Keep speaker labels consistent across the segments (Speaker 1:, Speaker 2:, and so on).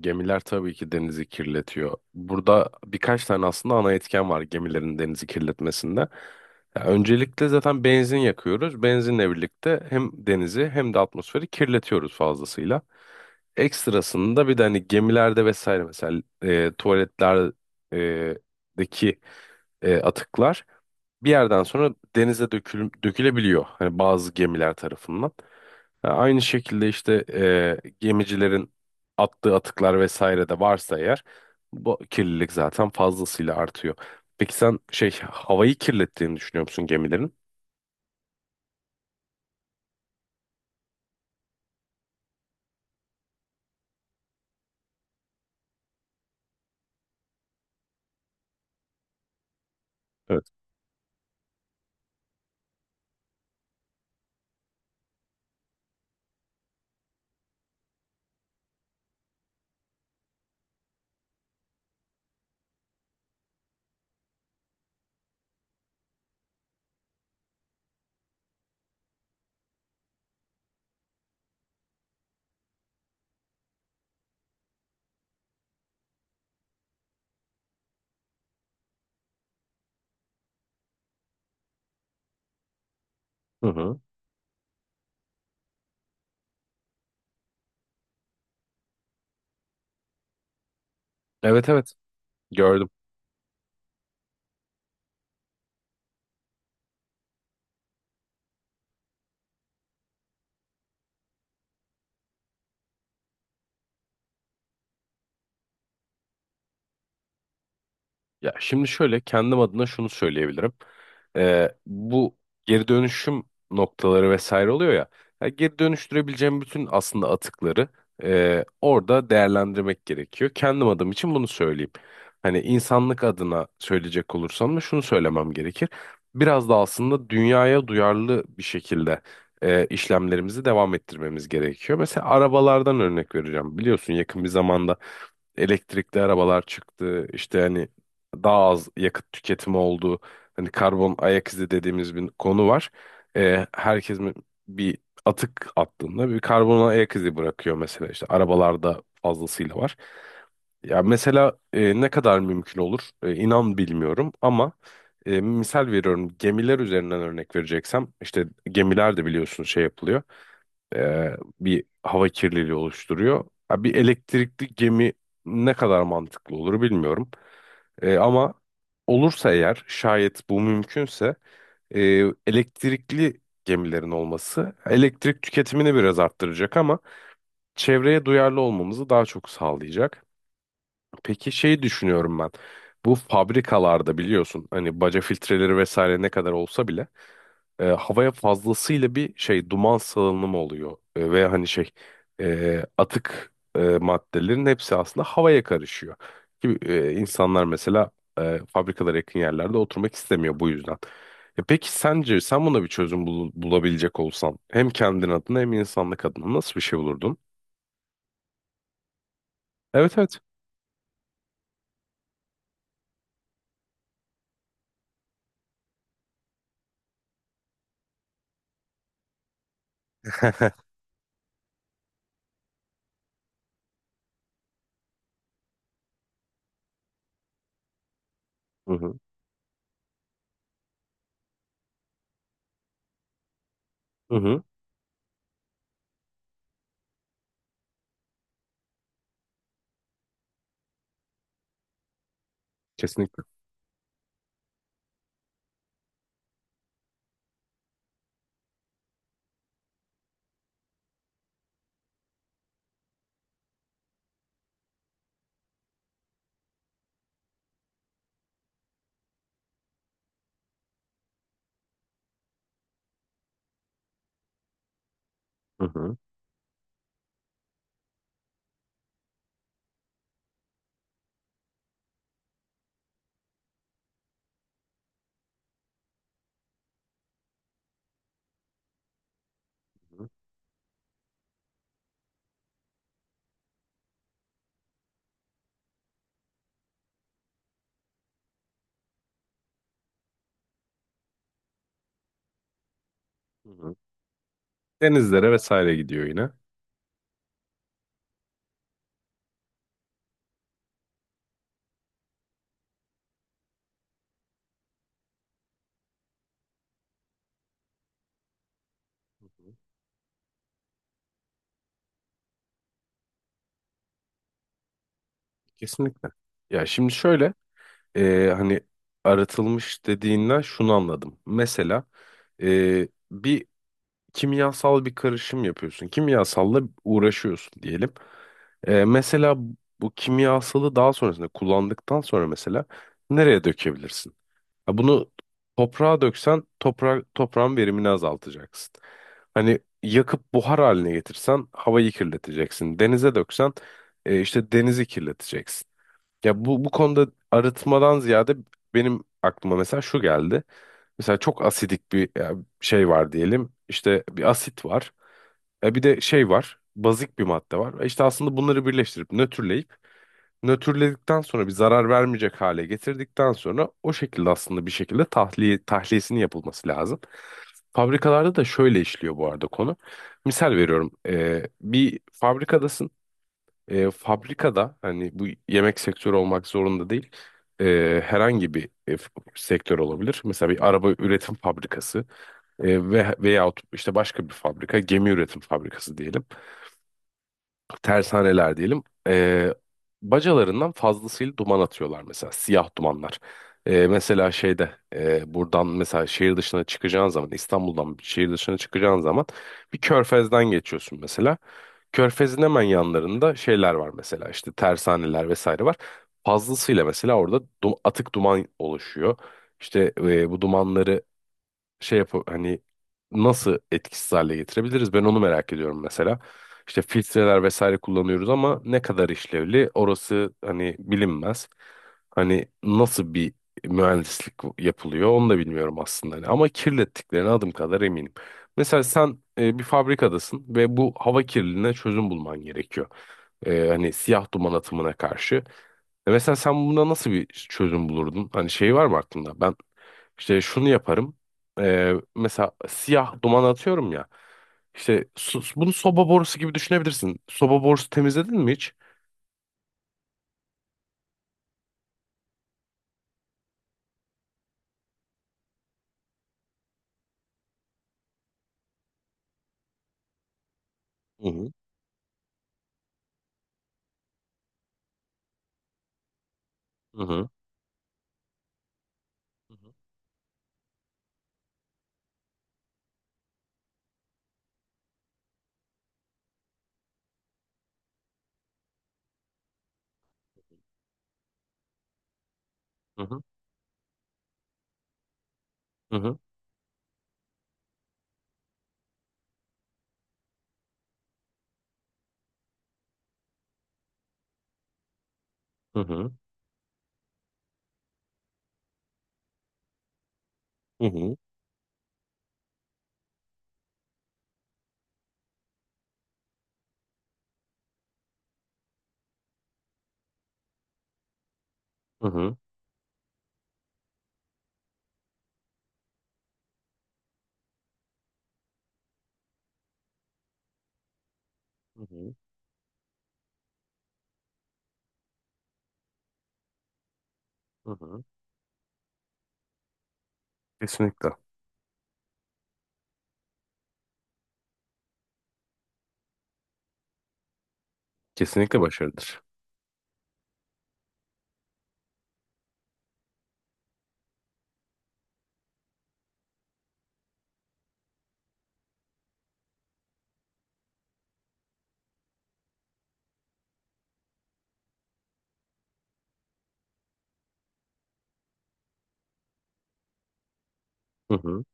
Speaker 1: Gemiler tabii ki denizi kirletiyor. Burada birkaç tane aslında ana etken var gemilerin denizi kirletmesinde. Ya öncelikle zaten benzin yakıyoruz. Benzinle birlikte hem denizi hem de atmosferi kirletiyoruz fazlasıyla. Ekstrasında bir de hani gemilerde vesaire mesela tuvaletlerdeki atıklar bir yerden sonra denize dökülebiliyor. Hani bazı gemiler tarafından. Ha, Aynı şekilde işte gemicilerin attığı atıklar vesaire de varsa eğer bu kirlilik zaten fazlasıyla artıyor. Peki sen şey havayı kirlettiğini düşünüyor musun gemilerin? Evet. Hı hı. Evet, evet, gördüm. Ya şimdi şöyle kendim adına şunu söyleyebilirim. Bu geri dönüşüm noktaları vesaire oluyor ya. Ya geri dönüştürebileceğim bütün aslında atıkları orada değerlendirmek gerekiyor. Kendim adım için bunu söyleyeyim. Hani insanlık adına söyleyecek olursam da şunu söylemem gerekir. Biraz da aslında dünyaya duyarlı bir şekilde işlemlerimizi devam ettirmemiz gerekiyor. Mesela arabalardan örnek vereceğim. Biliyorsun yakın bir zamanda elektrikli arabalar çıktı. İşte hani daha az yakıt tüketimi olduğu hani karbon ayak izi dediğimiz bir konu var. Ee, herkes mi- bir atık attığında bir karbon ayak izi bırakıyor mesela işte arabalarda fazlasıyla var. Ya mesela ne kadar mümkün olur inan bilmiyorum ama misal veriyorum gemiler üzerinden örnek vereceksem işte gemiler de biliyorsun şey yapılıyor e, bir hava kirliliği oluşturuyor. Ha, bir elektrikli gemi ne kadar mantıklı olur bilmiyorum. Ama olursa eğer şayet bu mümkünse e, elektrikli gemilerin olması elektrik tüketimini biraz arttıracak ama çevreye duyarlı olmamızı daha çok sağlayacak. Peki şeyi düşünüyorum ben. Bu fabrikalarda biliyorsun hani baca filtreleri vesaire ne kadar olsa bile havaya fazlasıyla bir şey duman salınımı oluyor. Ve hani şey atık maddelerin hepsi aslında havaya karışıyor. İnsanlar mesela fabrikalara yakın yerlerde oturmak istemiyor bu yüzden. Peki sence sen buna bir çözüm bulabilecek olsan hem kendin adına hem insanlık adına nasıl bir şey bulurdun? Evet, evet. Hı hı. Hı hı. Kesinlikle. Hı hı. Hı hı. Hı hı. Denizlere vesaire gidiyor yine. Kesinlikle. Ya şimdi şöyle hani aratılmış dediğinden şunu anladım. Mesela bir kimyasal bir karışım yapıyorsun. Kimyasalla uğraşıyorsun diyelim. Mesela bu kimyasalı daha sonrasında kullandıktan sonra mesela nereye dökebilirsin? Ha, bunu toprağa döksen toprağın verimini azaltacaksın. Hani yakıp buhar haline getirsen havayı kirleteceksin. Denize döksen işte denizi kirleteceksin. Ya bu konuda arıtmadan ziyade benim aklıma mesela şu geldi. Mesela çok asidik şey var diyelim. İşte bir asit var. E bir de şey var. Bazik bir madde var. E İşte aslında bunları birleştirip nötrleyip nötrledikten sonra bir zarar vermeyecek hale getirdikten sonra o şekilde aslında bir şekilde tahliyesinin yapılması lazım. Fabrikalarda da şöyle işliyor bu arada konu. Misal veriyorum. Bir fabrikadasın fabrikada hani bu yemek sektörü olmak zorunda değil. Herhangi bir sektör olabilir. Mesela bir araba üretim fabrikası ve veyahut işte başka bir fabrika gemi üretim fabrikası diyelim tersaneler diyelim, bacalarından fazlasıyla duman atıyorlar mesela siyah dumanlar. Mesela şeyde buradan mesela şehir dışına çıkacağın zaman İstanbul'dan bir şehir dışına çıkacağın zaman bir körfezden geçiyorsun mesela. Körfezin hemen yanlarında şeyler var mesela işte tersaneler vesaire var. Fazlasıyla mesela orada atık duman oluşuyor. İşte bu dumanları şey yap hani nasıl etkisiz hale getirebiliriz? Ben onu merak ediyorum mesela. İşte filtreler vesaire kullanıyoruz ama ne kadar işlevli orası hani bilinmez. Hani nasıl bir mühendislik yapılıyor onu da bilmiyorum aslında. Hani ama kirlettiklerine adım kadar eminim. Mesela sen bir fabrikadasın ve bu hava kirliliğine çözüm bulman gerekiyor. Hani siyah duman atımına karşı. E mesela sen buna nasıl bir çözüm bulurdun? Hani şey var mı aklında? Ben işte şunu yaparım. Mesela siyah duman atıyorum ya. İşte bunu soba borusu gibi düşünebilirsin. Soba borusu temizledin mi hiç? Hı hı. Hı hı. Hı hı. Hı hı. Hı hı. Hı hı. Hı hı. Hı hı. Hı hı. Kesinlikle. Kesinlikle başarıdır. Hı hı.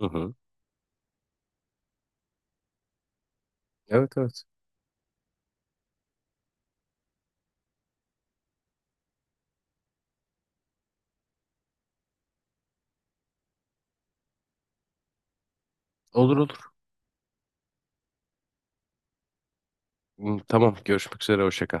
Speaker 1: Hı hı. Evet, evet. Olur, olur. Hı, tamam. Görüşmek üzere. Hoşça kal.